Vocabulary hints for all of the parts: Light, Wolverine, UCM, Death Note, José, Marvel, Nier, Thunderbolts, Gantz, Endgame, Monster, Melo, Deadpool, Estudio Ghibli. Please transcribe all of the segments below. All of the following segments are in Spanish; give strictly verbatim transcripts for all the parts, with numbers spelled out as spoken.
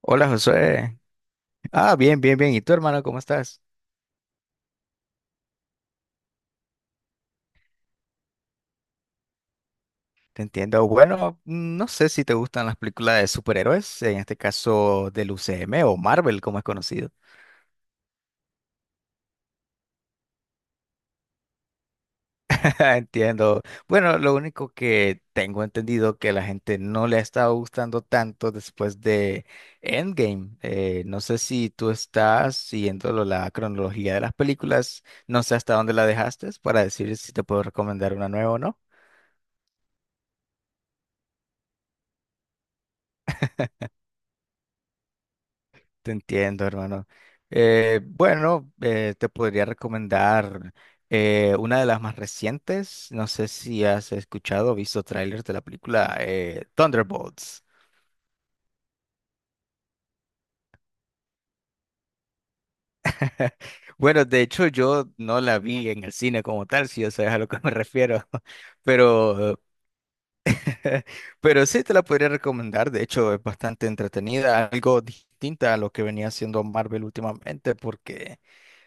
Hola José. Ah, bien, bien, bien. ¿Y tú, hermano, cómo estás? Te entiendo. Bueno, mm, no sé si te gustan las películas de superhéroes, en este caso del U C M o Marvel, como es conocido. Entiendo. Bueno, lo único que tengo entendido que la gente no le ha estado gustando tanto después de Endgame. Eh, no sé si tú estás siguiendo lo- la cronología de las películas, no sé hasta dónde la dejaste para decir si te puedo recomendar una nueva o no. Te entiendo, hermano. Eh, bueno, eh, te podría recomendar eh, una de las más recientes. No sé si has escuchado o visto trailers de la película eh, Thunderbolts. Bueno, de hecho yo no la vi en el cine como tal, si ya sabes a lo que me refiero, pero, pero sí te la podría recomendar, de hecho es bastante entretenida, algo distinta a lo que venía haciendo Marvel últimamente, porque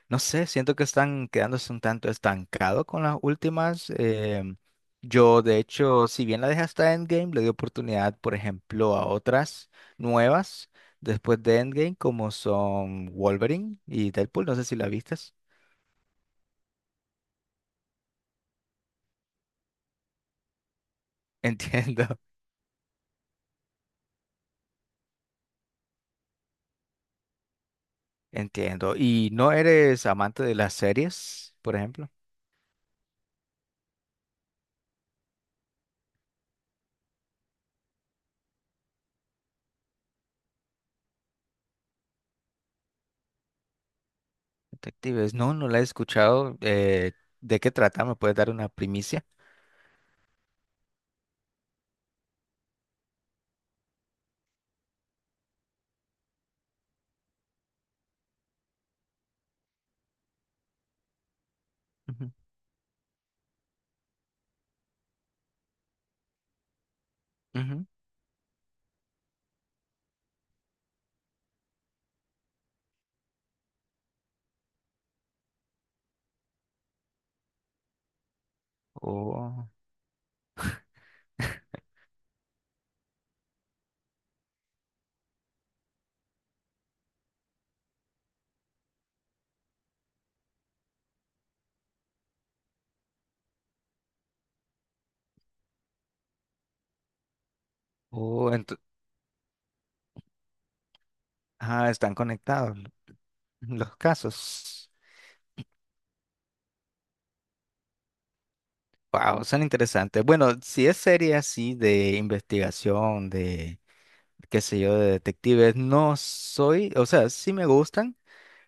no sé, siento que están quedándose un tanto estancados con las últimas. Em, yo, de hecho, si bien la dejé hasta Endgame, le di oportunidad, por ejemplo, a otras nuevas después de Endgame, como son Wolverine y Deadpool. No sé si la vistes. Entiendo, entiendo. ¿Y no eres amante de las series, por ejemplo? Detectives, no, no la he escuchado. Eh, ¿de qué trata? ¿Me puedes dar una primicia? Ujú, ujú. Oh, oh, ento- ah, están conectados. Los casos. Wow, son interesantes. Bueno, si es serie así de investigación, de, qué sé yo, de detectives, no soy, o sea, sí me gustan,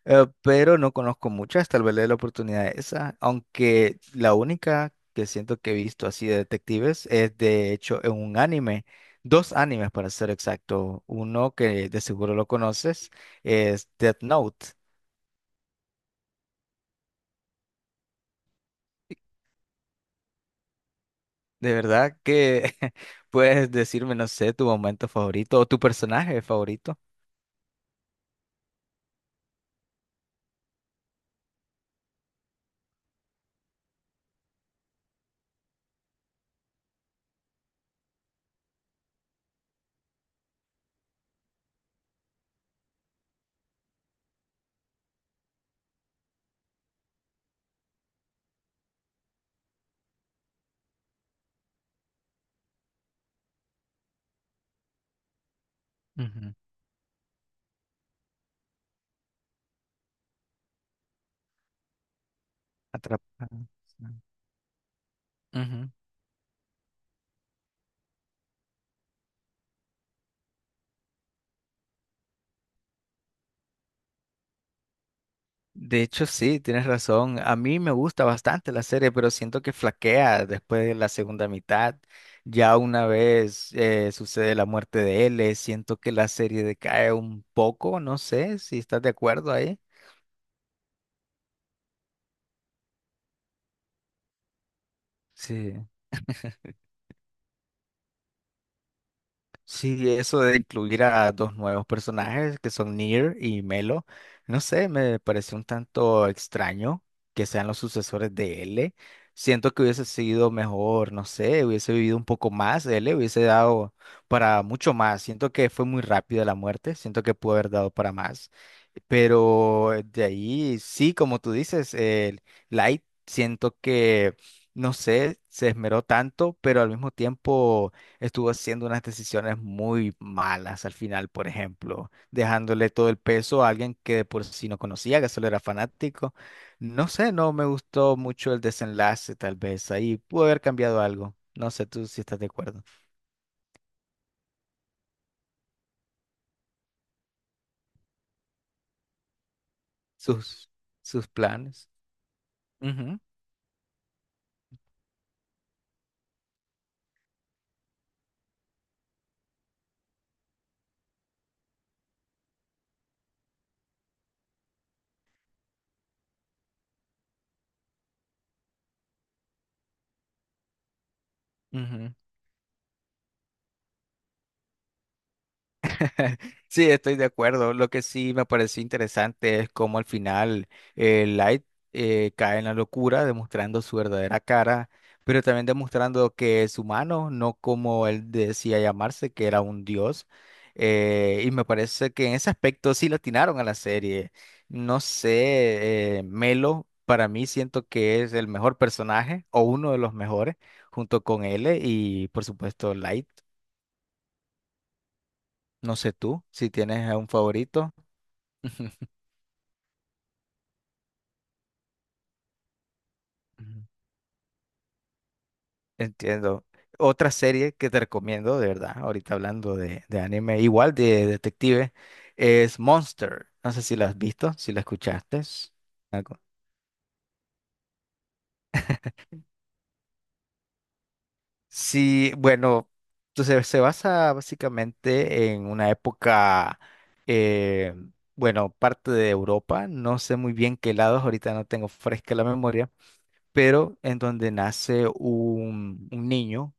eh, pero no conozco muchas, tal vez le dé la oportunidad a esa, aunque la única que siento que he visto así de detectives es de hecho en un anime, dos animes para ser exacto, uno que de seguro lo conoces es Death Note. De verdad que puedes decirme, no sé, tu momento favorito o tu personaje favorito. Ujú, Atrapado. Ujú. De hecho, sí, tienes razón. A mí me gusta bastante la serie, pero siento que flaquea después de la segunda mitad. Ya una vez eh, sucede la muerte de L, siento que la serie decae un poco, no sé si estás de acuerdo ahí. Sí. Sí, eso de incluir a dos nuevos personajes que son Nier y Melo, no sé, me parece un tanto extraño que sean los sucesores de L. Siento que hubiese sido mejor, no sé, hubiese vivido un poco más, L hubiese dado para mucho más. Siento que fue muy rápida la muerte, siento que pudo haber dado para más. Pero de ahí, sí, como tú dices, el Light, siento que, no sé, se esmeró tanto, pero al mismo tiempo estuvo haciendo unas decisiones muy malas al final, por ejemplo, dejándole todo el peso a alguien que de por sí no conocía, que solo era fanático. No sé, no me gustó mucho el desenlace, tal vez ahí pudo haber cambiado algo. No sé tú si estás de acuerdo. Sus, sus planes. Ujú, ujú. Sí, estoy de acuerdo. Lo que sí me pareció interesante es cómo al final eh, Light eh, cae en la locura, demostrando su verdadera cara, pero también demostrando que es humano, no como él decía llamarse, que era un dios. Eh, y me parece que en ese aspecto sí le atinaron a la serie. No sé, eh, Melo, para mí siento que es el mejor personaje o uno de los mejores, junto con L y por supuesto Light. No sé tú si tienes a un favorito. Ujú. Entiendo. Otra serie que te recomiendo, de verdad, ahorita hablando de, de anime, igual de detective, es Monster. No sé si la has visto, si la escuchaste. Algo. Sí, bueno, entonces se basa básicamente en una época, eh, bueno, parte de Europa, no sé muy bien qué lados, ahorita no tengo fresca la memoria, pero en donde nace un, un niño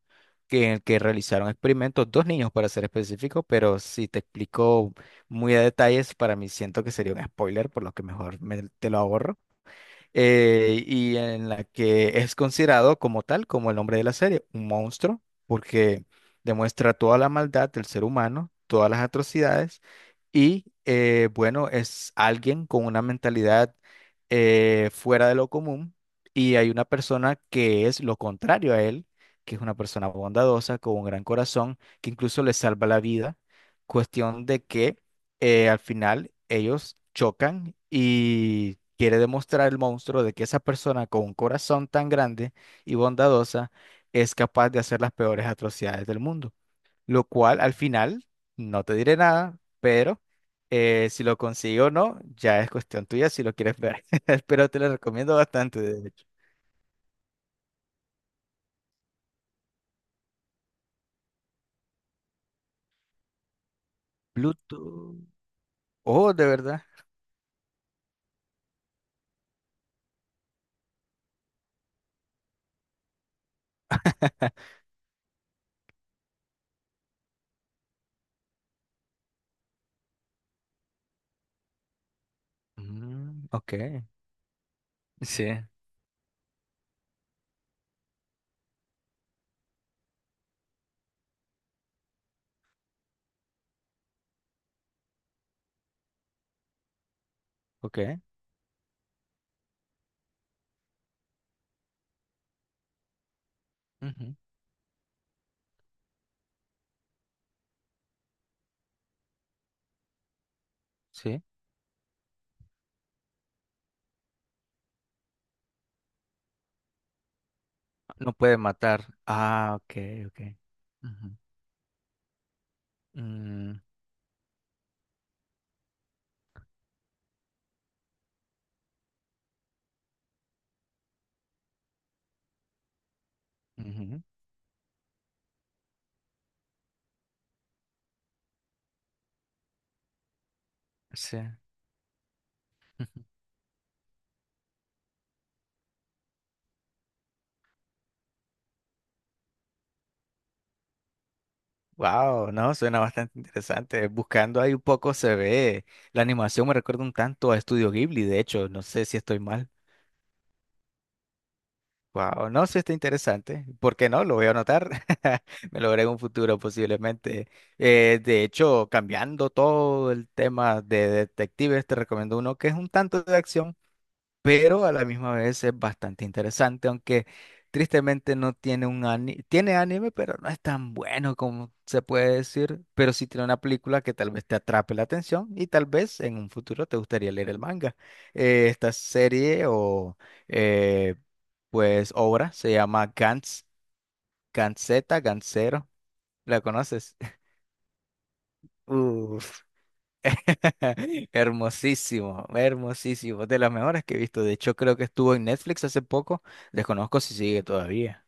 que, en el que realizaron experimentos, dos niños para ser específico, pero si te explico muy a detalles, para mí siento que sería un spoiler, por lo que mejor me- te lo ahorro. Eh, y en la que es considerado como tal, como el nombre de la serie, un monstruo, porque demuestra toda la maldad del ser humano, todas las atrocidades, y eh, bueno, es alguien con una mentalidad eh, fuera de lo común, y hay una persona que es lo contrario a él, que es una persona bondadosa, con un gran corazón, que incluso le salva la vida, cuestión de que eh, al final ellos chocan y quiere demostrar el monstruo de que esa persona con un corazón tan grande y bondadosa es capaz de hacer las peores atrocidades del mundo. Lo cual al final, no te diré nada, pero eh, si lo consigo o no, ya es cuestión tuya si lo quieres ver. Pero te lo recomiendo bastante, de hecho. Pluto. Oh, de verdad. Mm, ok. Sí, ok. Ujú, Sí. No puede matar. Ah, ok, ok. Ujú. Mm, ujú, Sí. Wow, no, suena bastante interesante. Buscando ahí un poco se ve. La animación me recuerda un tanto a Estudio Ghibli, de hecho, no sé si estoy mal. Wow, no, sí está interesante. ¿Por qué no? Lo voy a anotar. Me lo veré en un futuro posiblemente. Eh, de hecho, cambiando todo el tema de detectives, te recomiendo uno que es un tanto de acción. Pero a la misma vez es bastante interesante, aunque tristemente no tiene un anime, tiene anime, pero no es tan bueno como se puede decir, pero sí tiene una película que tal vez te atrape la atención y tal vez en un futuro te gustaría leer el manga. Eh, esta serie o eh, pues obra se llama Gantz, Gantzeta, Gantzero, ¿la conoces? Uf, hermosísimo, hermosísimo. De las mejores que he visto. De hecho, creo que estuvo en Netflix hace poco. Desconozco si sigue todavía.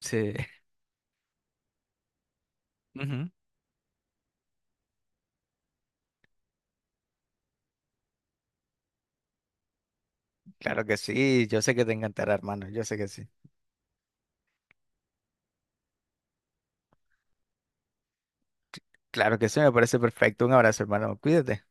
Sí. Ujú. Claro que sí. Yo sé que te encantará, hermano. Yo sé que sí. Claro que sí, me parece perfecto. Un abrazo, hermano. Cuídate.